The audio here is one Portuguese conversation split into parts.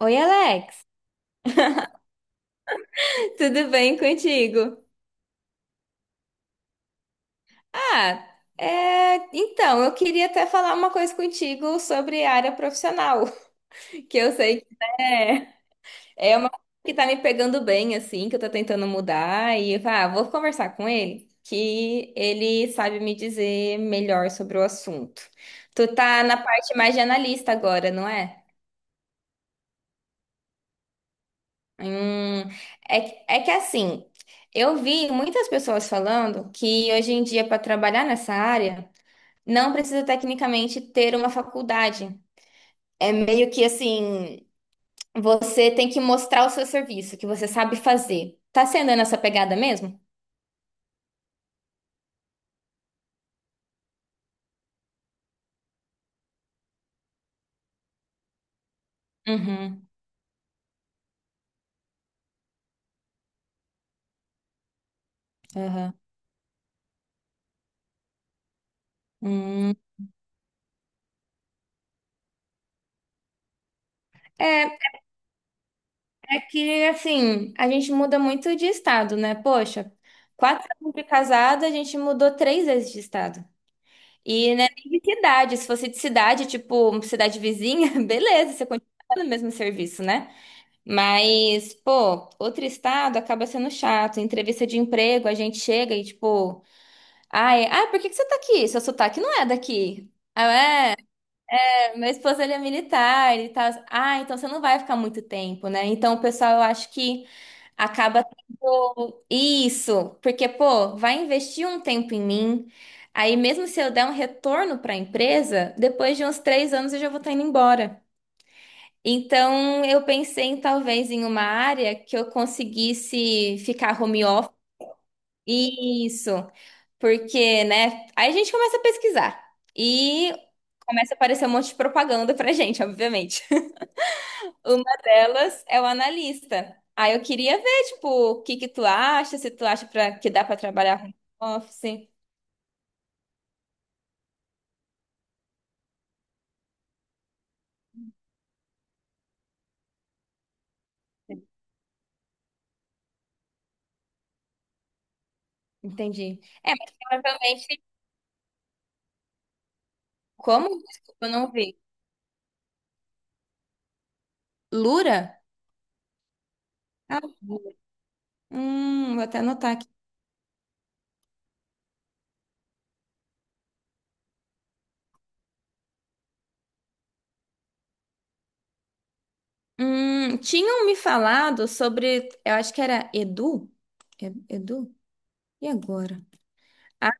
Oi, Alex, tudo bem contigo? Ah, então, eu queria até falar uma coisa contigo sobre a área profissional, que eu sei que né, é uma coisa que tá me pegando bem, assim, que eu tô tentando mudar, e vou conversar com ele, que ele sabe me dizer melhor sobre o assunto. Tu tá na parte mais de analista agora, não é? Hum, é que assim, eu vi muitas pessoas falando que hoje em dia, para trabalhar nessa área, não precisa tecnicamente ter uma faculdade. É meio que assim, você tem que mostrar o seu serviço, que você sabe fazer. Tá sendo nessa pegada mesmo? Uhum, uhum. Hum. É, é que assim, a gente muda muito de estado, né? Poxa, 4 anos de casada, a gente mudou 3 vezes de estado. E né, nem de cidade. Se fosse de cidade, tipo, cidade vizinha, beleza, você continua no mesmo serviço, né? Mas, pô, outro estado acaba sendo chato. Em entrevista de emprego, a gente chega e, tipo, ai, por que que você tá aqui? Seu sotaque não é daqui. Ah, é, meu esposo ele é militar e tal. Ah, então você não vai ficar muito tempo, né? Então, o pessoal, eu acho que acaba tendo isso, porque, pô, vai investir um tempo em mim. Aí, mesmo se eu der um retorno para a empresa, depois de uns 3 anos eu já vou estar indo embora. Então, eu pensei em talvez em uma área que eu conseguisse ficar home office. Isso, porque, né? Aí a gente começa a pesquisar e começa a aparecer um monte de propaganda pra gente, obviamente. Uma delas é o analista. Aí eu queria ver, tipo, o que que tu acha, se tu acha que dá pra trabalhar home office. Entendi. É, mas provavelmente. Como? Desculpa, eu não vi. Lura? Ah, vou até anotar aqui. Tinham me falado sobre, eu acho que era Edu? É- Edu? E agora? Ah,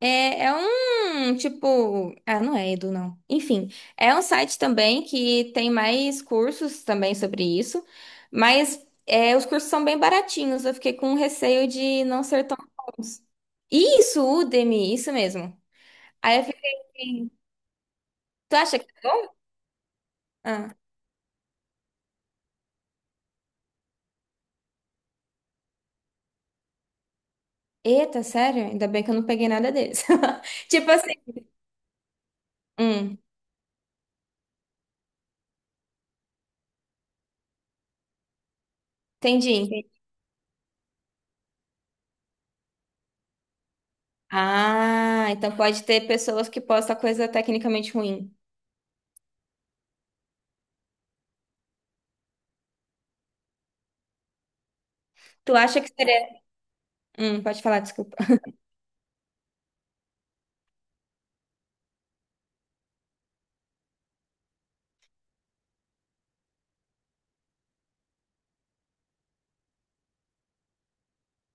é um tipo. Ah, não é Edu, não. Enfim, é um site também que tem mais cursos também sobre isso, mas os cursos são bem baratinhos. Eu fiquei com receio de não ser tão bons. Isso, Udemy, isso mesmo. Aí eu fiquei. Tu acha que. Ah, eita, sério? Ainda bem que eu não peguei nada deles. Tipo assim. Hum, entendi. Ah, então pode ter pessoas que postam coisa tecnicamente ruim. Tu acha que seria. Pode falar, desculpa.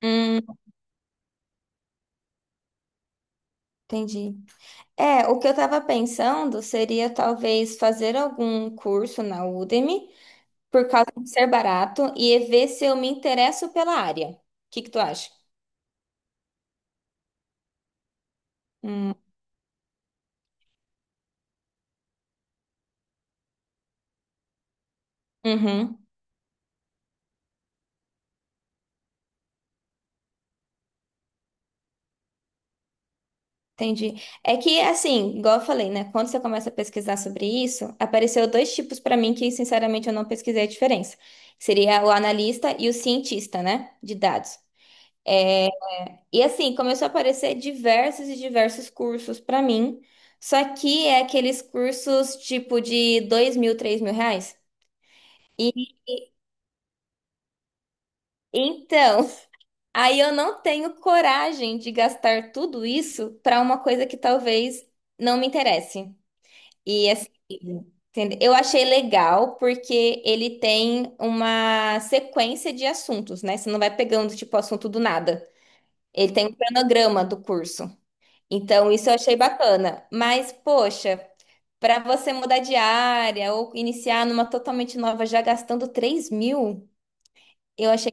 Hum, entendi. É, o que eu tava pensando seria talvez fazer algum curso na Udemy, por causa de ser barato, e ver se eu me interesso pela área. O que que tu acha? Hum, uhum. Entendi. É que, assim, igual eu falei, né? Quando você começa a pesquisar sobre isso, apareceu dois tipos para mim que, sinceramente, eu não pesquisei a diferença. Seria o analista e o cientista, né? De dados. É, e, assim, começou a aparecer diversos e diversos cursos para mim. Só que é aqueles cursos, tipo, de 2 mil, 3 mil reais. Então, aí eu não tenho coragem de gastar tudo isso para uma coisa que talvez não me interesse. E assim, eu achei legal porque ele tem uma sequência de assuntos, né? Você não vai pegando, tipo, assunto do nada. Ele tem um cronograma do curso. Então, isso eu achei bacana. Mas, poxa, para você mudar de área ou iniciar numa totalmente nova já gastando 3 mil, eu achei.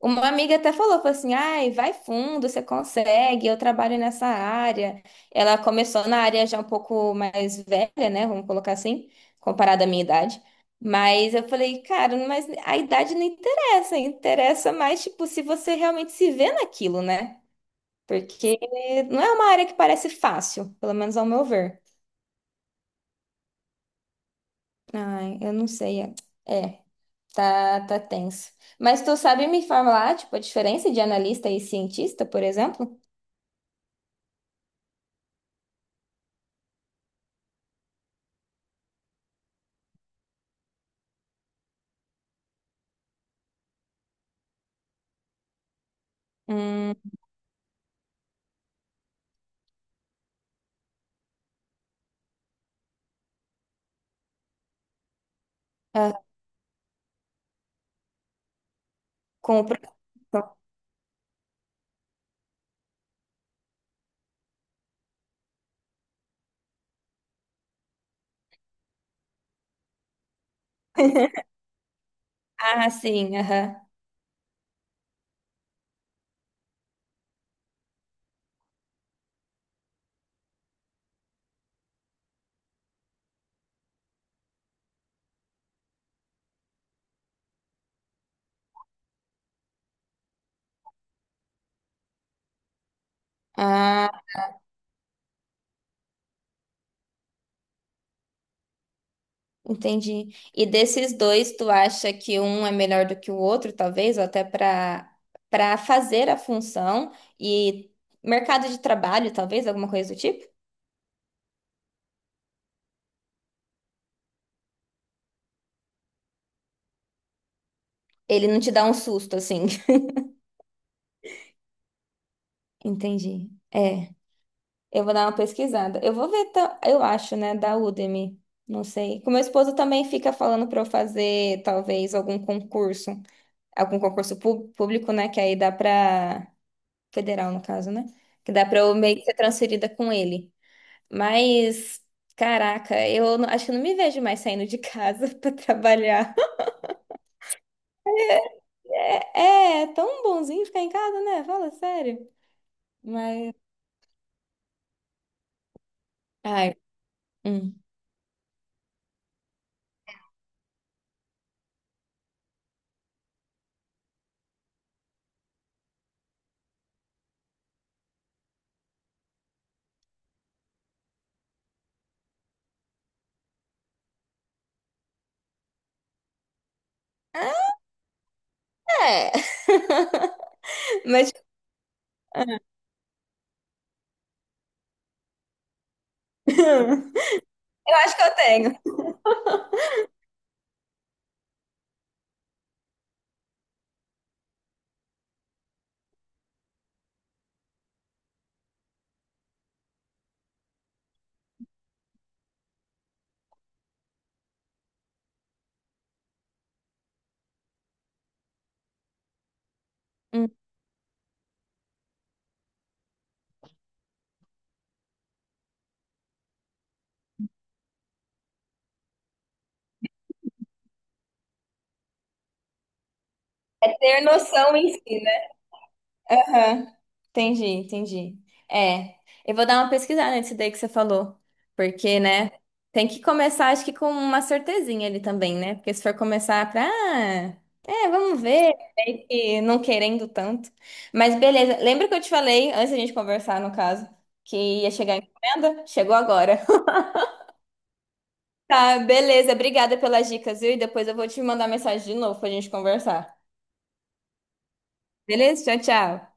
Uma amiga até falou, falou assim, ai, vai fundo, você consegue, eu trabalho nessa área. Ela começou na área já um pouco mais velha, né? Vamos colocar assim, comparada à minha idade. Mas eu falei, cara, mas a idade não interessa, interessa mais, tipo, se você realmente se vê naquilo, né? Porque não é uma área que parece fácil, pelo menos ao meu ver. Ai, eu não sei. É, tá, tá tenso. Mas tu sabe me falar, tipo, a diferença de analista e cientista, por exemplo? Hum, Ah, com o professor. Ah, sim, aham. Ah, entendi. E desses dois, tu acha que um é melhor do que o outro, talvez, ou até para fazer a função e mercado de trabalho, talvez, alguma coisa do tipo? Ele não te dá um susto, assim. Entendi. É, eu vou dar uma pesquisada. Eu vou ver, eu acho, né, da Udemy. Não sei. Que o meu esposo também fica falando para eu fazer, talvez, algum concurso. Algum concurso público, né, que aí dá para federal no caso, né? Que dá pra eu meio que ser transferida com ele. Mas, caraca, eu não- acho que eu não me vejo mais saindo de casa pra trabalhar. É, é tão bonzinho ficar em casa, né? Fala sério. Mas, ai, hum. É. Mas eu acho que eu tenho. Hum. Ter noção em si, né? Aham, entendi, entendi. É, eu vou dar uma pesquisada nesse daí que você falou, porque, né, tem que começar, acho que com uma certezinha ali também, né? Porque se for começar pra, vamos ver, aí que não querendo tanto. Mas beleza, lembra que eu te falei, antes da gente conversar, no caso, que ia chegar a encomenda? Chegou agora. Tá, beleza, obrigada pelas dicas, viu? E depois eu vou te mandar mensagem de novo pra gente conversar. Beleza? Tchau, tchau.